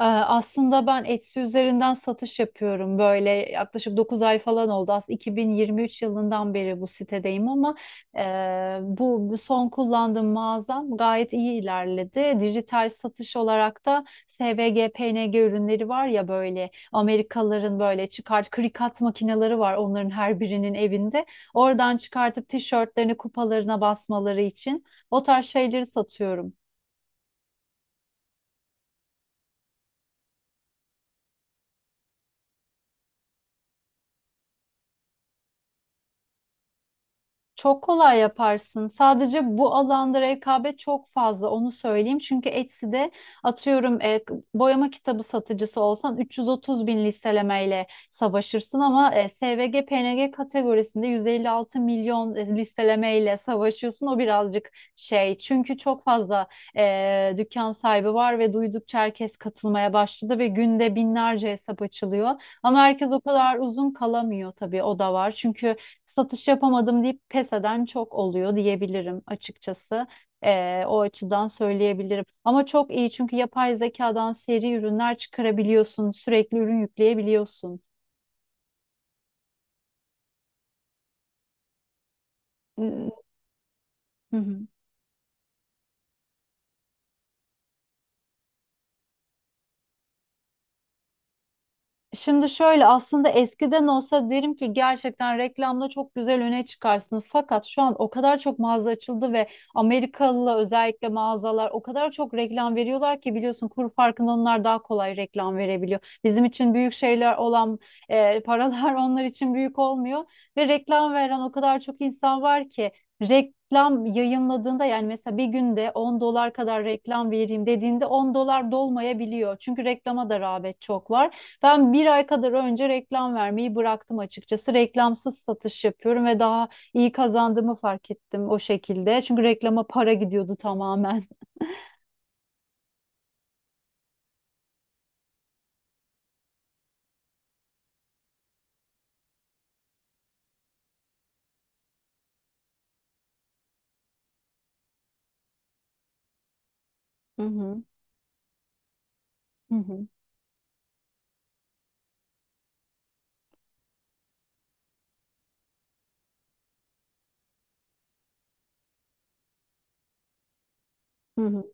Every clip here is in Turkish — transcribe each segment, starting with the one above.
Aslında ben Etsy üzerinden satış yapıyorum. Böyle yaklaşık 9 ay falan oldu. Aslında 2023 yılından beri bu sitedeyim ama e, bu son kullandığım mağazam gayet iyi ilerledi. Dijital satış olarak da SVG, PNG ürünleri var ya, böyle Amerikalıların böyle çıkart krikat makineleri var, onların her birinin evinde. Oradan çıkartıp tişörtlerini kupalarına basmaları için o tarz şeyleri satıyorum. Çok kolay yaparsın. Sadece bu alanda rekabet çok fazla, onu söyleyeyim. Çünkü Etsy'de atıyorum boyama kitabı satıcısı olsan 330 bin listelemeyle savaşırsın ama SVG PNG kategorisinde 156 milyon listelemeyle savaşıyorsun. O birazcık şey çünkü çok fazla dükkan sahibi var ve duydukça herkes katılmaya başladı ve günde binlerce hesap açılıyor. Ama herkes o kadar uzun kalamıyor tabii, o da var. Çünkü satış yapamadım deyip pes eden çok oluyor diyebilirim açıkçası. O açıdan söyleyebilirim. Ama çok iyi çünkü yapay zekadan seri ürünler çıkarabiliyorsun, sürekli ürün yükleyebiliyorsun. Hı hı. Şimdi şöyle, aslında eskiden olsa derim ki gerçekten reklamda çok güzel öne çıkarsın. Fakat şu an o kadar çok mağaza açıldı ve Amerikalı özellikle mağazalar o kadar çok reklam veriyorlar ki, biliyorsun kur farkında onlar daha kolay reklam verebiliyor. Bizim için büyük şeyler olan paralar onlar için büyük olmuyor ve reklam veren o kadar çok insan var ki reklam yayınladığında, yani mesela bir günde 10 dolar kadar reklam vereyim dediğinde 10 dolar dolmayabiliyor. Çünkü reklama da rağbet çok var. Ben bir ay kadar önce reklam vermeyi bıraktım açıkçası. Reklamsız satış yapıyorum ve daha iyi kazandığımı fark ettim o şekilde. Çünkü reklama para gidiyordu tamamen. Hı hı. Hı hı. Hı hı.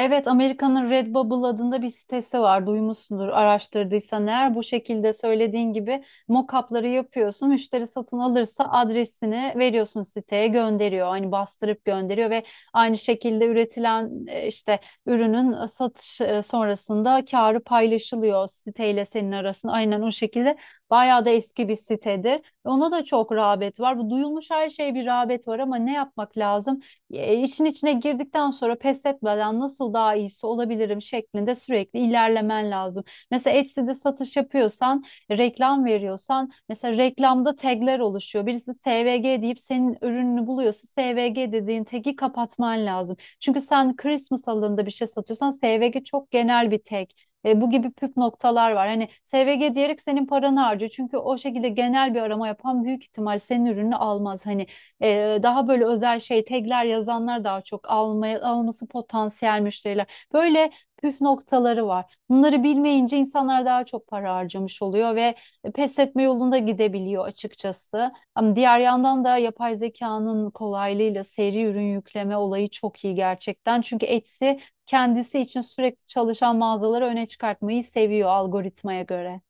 Evet, Amerika'nın Redbubble adında bir sitesi var. Duymuşsundur araştırdıysan eğer. Bu şekilde söylediğin gibi mock-up'ları yapıyorsun. Müşteri satın alırsa adresini veriyorsun, siteye gönderiyor. Hani bastırıp gönderiyor ve aynı şekilde üretilen işte ürünün satış sonrasında karı paylaşılıyor siteyle senin arasında. Aynen o şekilde. Bayağı da eski bir sitedir. Ona da çok rağbet var. Bu duyulmuş her şeye bir rağbet var ama ne yapmak lazım? E, işin içine girdikten sonra pes etmeden nasıl daha iyisi olabilirim şeklinde sürekli ilerlemen lazım. Mesela Etsy'de satış yapıyorsan, reklam veriyorsan, mesela reklamda tagler oluşuyor. Birisi SVG deyip senin ürününü buluyorsa SVG dediğin tagi kapatman lazım. Çünkü sen Christmas alanında bir şey satıyorsan SVG çok genel bir tag. Bu gibi püf noktalar var. Hani SVG diyerek senin paranı harcıyor. Çünkü o şekilde genel bir arama yapan büyük ihtimal senin ürünü almaz. Hani daha böyle özel şey tagler yazanlar daha çok almaya, alması potansiyel müşteriler. Böyle püf noktaları var. Bunları bilmeyince insanlar daha çok para harcamış oluyor ve pes etme yolunda gidebiliyor açıkçası. Ama diğer yandan da yapay zekanın kolaylığıyla seri ürün yükleme olayı çok iyi gerçekten. Çünkü Etsy kendisi için sürekli çalışan mağazaları öne çıkartmayı seviyor algoritmaya göre.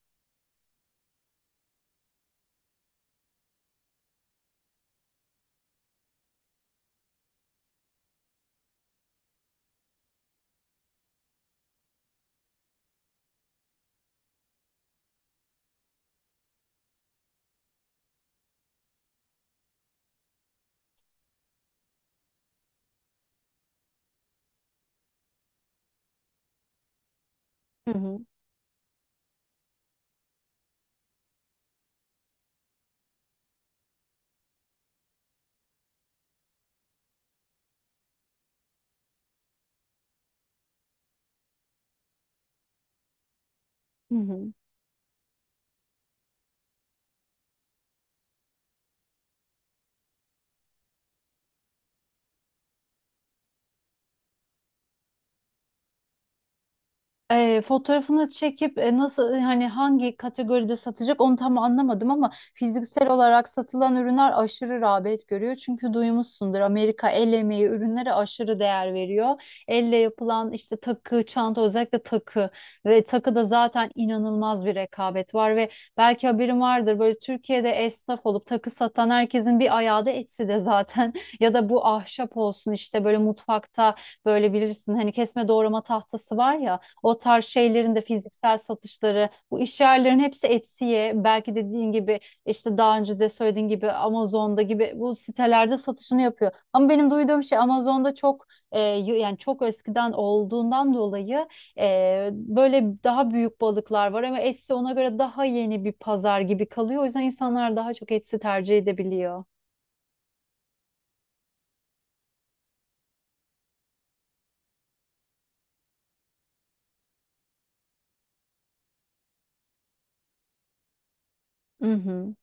Hı hı. Hı hı. Fotoğrafını çekip nasıl, hani hangi kategoride satacak onu tam anlamadım ama fiziksel olarak satılan ürünler aşırı rağbet görüyor. Çünkü duymuşsundur, Amerika el emeği ürünlere aşırı değer veriyor. Elle yapılan işte takı, çanta, özellikle takı. Ve takıda zaten inanılmaz bir rekabet var ve belki haberin vardır, böyle Türkiye'de esnaf olup takı satan herkesin bir ayağı da Etsy'de zaten. Ya da bu ahşap olsun, işte böyle mutfakta böyle bilirsin hani kesme doğrama tahtası var ya, o tarz şeylerin de fiziksel satışları, bu iş yerlerin hepsi Etsy'ye, belki dediğin gibi, işte daha önce de söylediğin gibi Amazon'da gibi bu sitelerde satışını yapıyor. Ama benim duyduğum şey, Amazon'da çok yani çok eskiden olduğundan dolayı böyle daha büyük balıklar var ama Etsy ona göre daha yeni bir pazar gibi kalıyor. O yüzden insanlar daha çok Etsy tercih edebiliyor. Hı hı.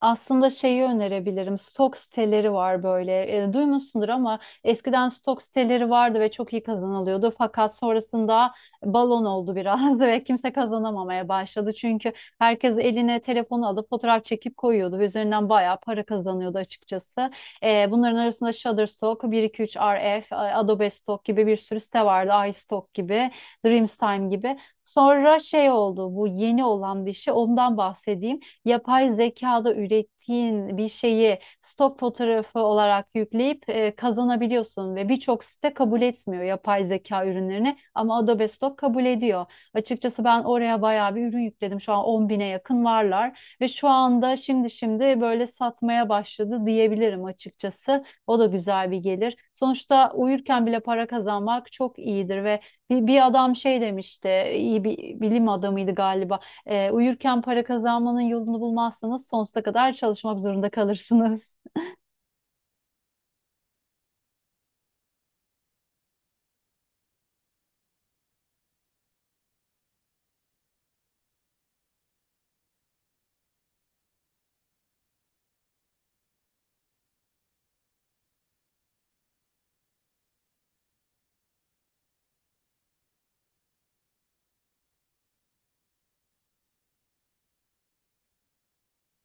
Aslında şeyi önerebilirim. Stok siteleri var böyle. Duymuşsundur ama eskiden stok siteleri vardı ve çok iyi kazanılıyordu. Fakat sonrasında balon oldu biraz ve kimse kazanamamaya başladı. Çünkü herkes eline telefonu alıp fotoğraf çekip koyuyordu ve üzerinden bayağı para kazanıyordu açıkçası. Bunların arasında Shutterstock, 123RF, Adobe Stock gibi bir sürü site vardı. iStock gibi, Dreamstime gibi. Sonra şey oldu, bu yeni olan bir şey, ondan bahsedeyim: yapay zekada ürettiğin bir şeyi stok fotoğrafı olarak yükleyip kazanabiliyorsun ve birçok site kabul etmiyor yapay zeka ürünlerini ama Adobe Stock kabul ediyor. Açıkçası ben oraya bayağı bir ürün yükledim. Şu an 10 bine yakın varlar ve şu anda şimdi şimdi böyle satmaya başladı diyebilirim açıkçası. O da güzel bir gelir. Sonuçta uyurken bile para kazanmak çok iyidir ve bir adam şey demişti, iyi bir bilim adamıydı galiba. Uyurken para kazanmanın yolunu bulmazsanız sonsuza kadar çalışmak zorunda kalırsınız.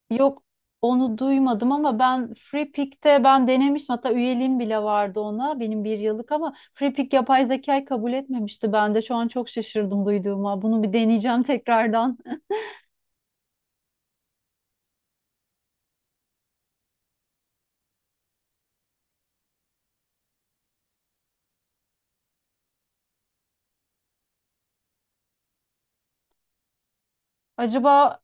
Yok, onu duymadım ama ben Free Pick'te ben denemiştim. Hatta üyeliğim bile vardı ona, benim bir yıllık. Ama Free Pick yapay zekayı kabul etmemişti. Ben de şu an çok şaşırdım duyduğuma. Bunu bir deneyeceğim tekrardan. Acaba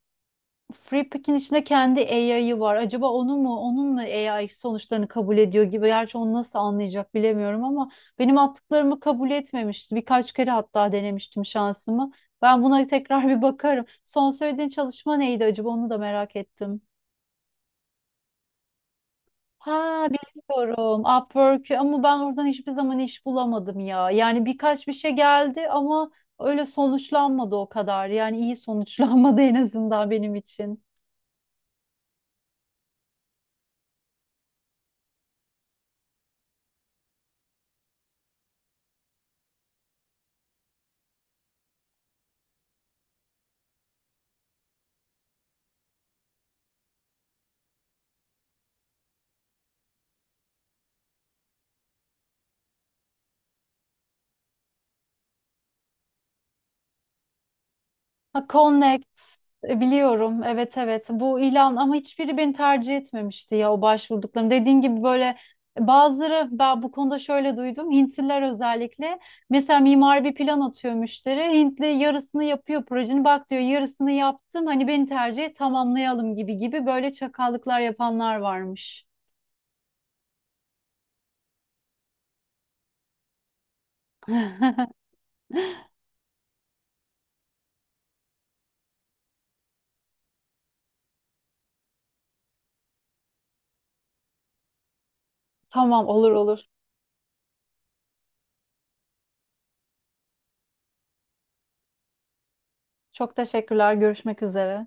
FreePick'in içinde kendi AI'yı var, acaba onu mu, onun mu AI sonuçlarını kabul ediyor gibi. Gerçi onu nasıl anlayacak bilemiyorum ama benim attıklarımı kabul etmemişti. Birkaç kere hatta denemiştim şansımı. Ben buna tekrar bir bakarım. Son söylediğin çalışma neydi acaba? Onu da merak ettim. Ha, biliyorum. Upwork. Ama ben oradan hiçbir zaman iş bulamadım ya. Yani birkaç bir şey geldi ama öyle sonuçlanmadı o kadar. Yani iyi sonuçlanmadı, en azından benim için. Ha, Connect, biliyorum. Evet, evet. Bu ilan ama hiçbiri beni tercih etmemişti ya, o başvurduklarım. Dediğin gibi böyle, bazıları, ben bu konuda şöyle duydum. Hintliler özellikle, mesela mimari bir plan atıyor müşteri. Hintli yarısını yapıyor projenin. Bak diyor, yarısını yaptım, hani beni tercih et, tamamlayalım gibi gibi, böyle çakallıklar yapanlar varmış. Tamam, olur olur. Çok teşekkürler. Görüşmek üzere.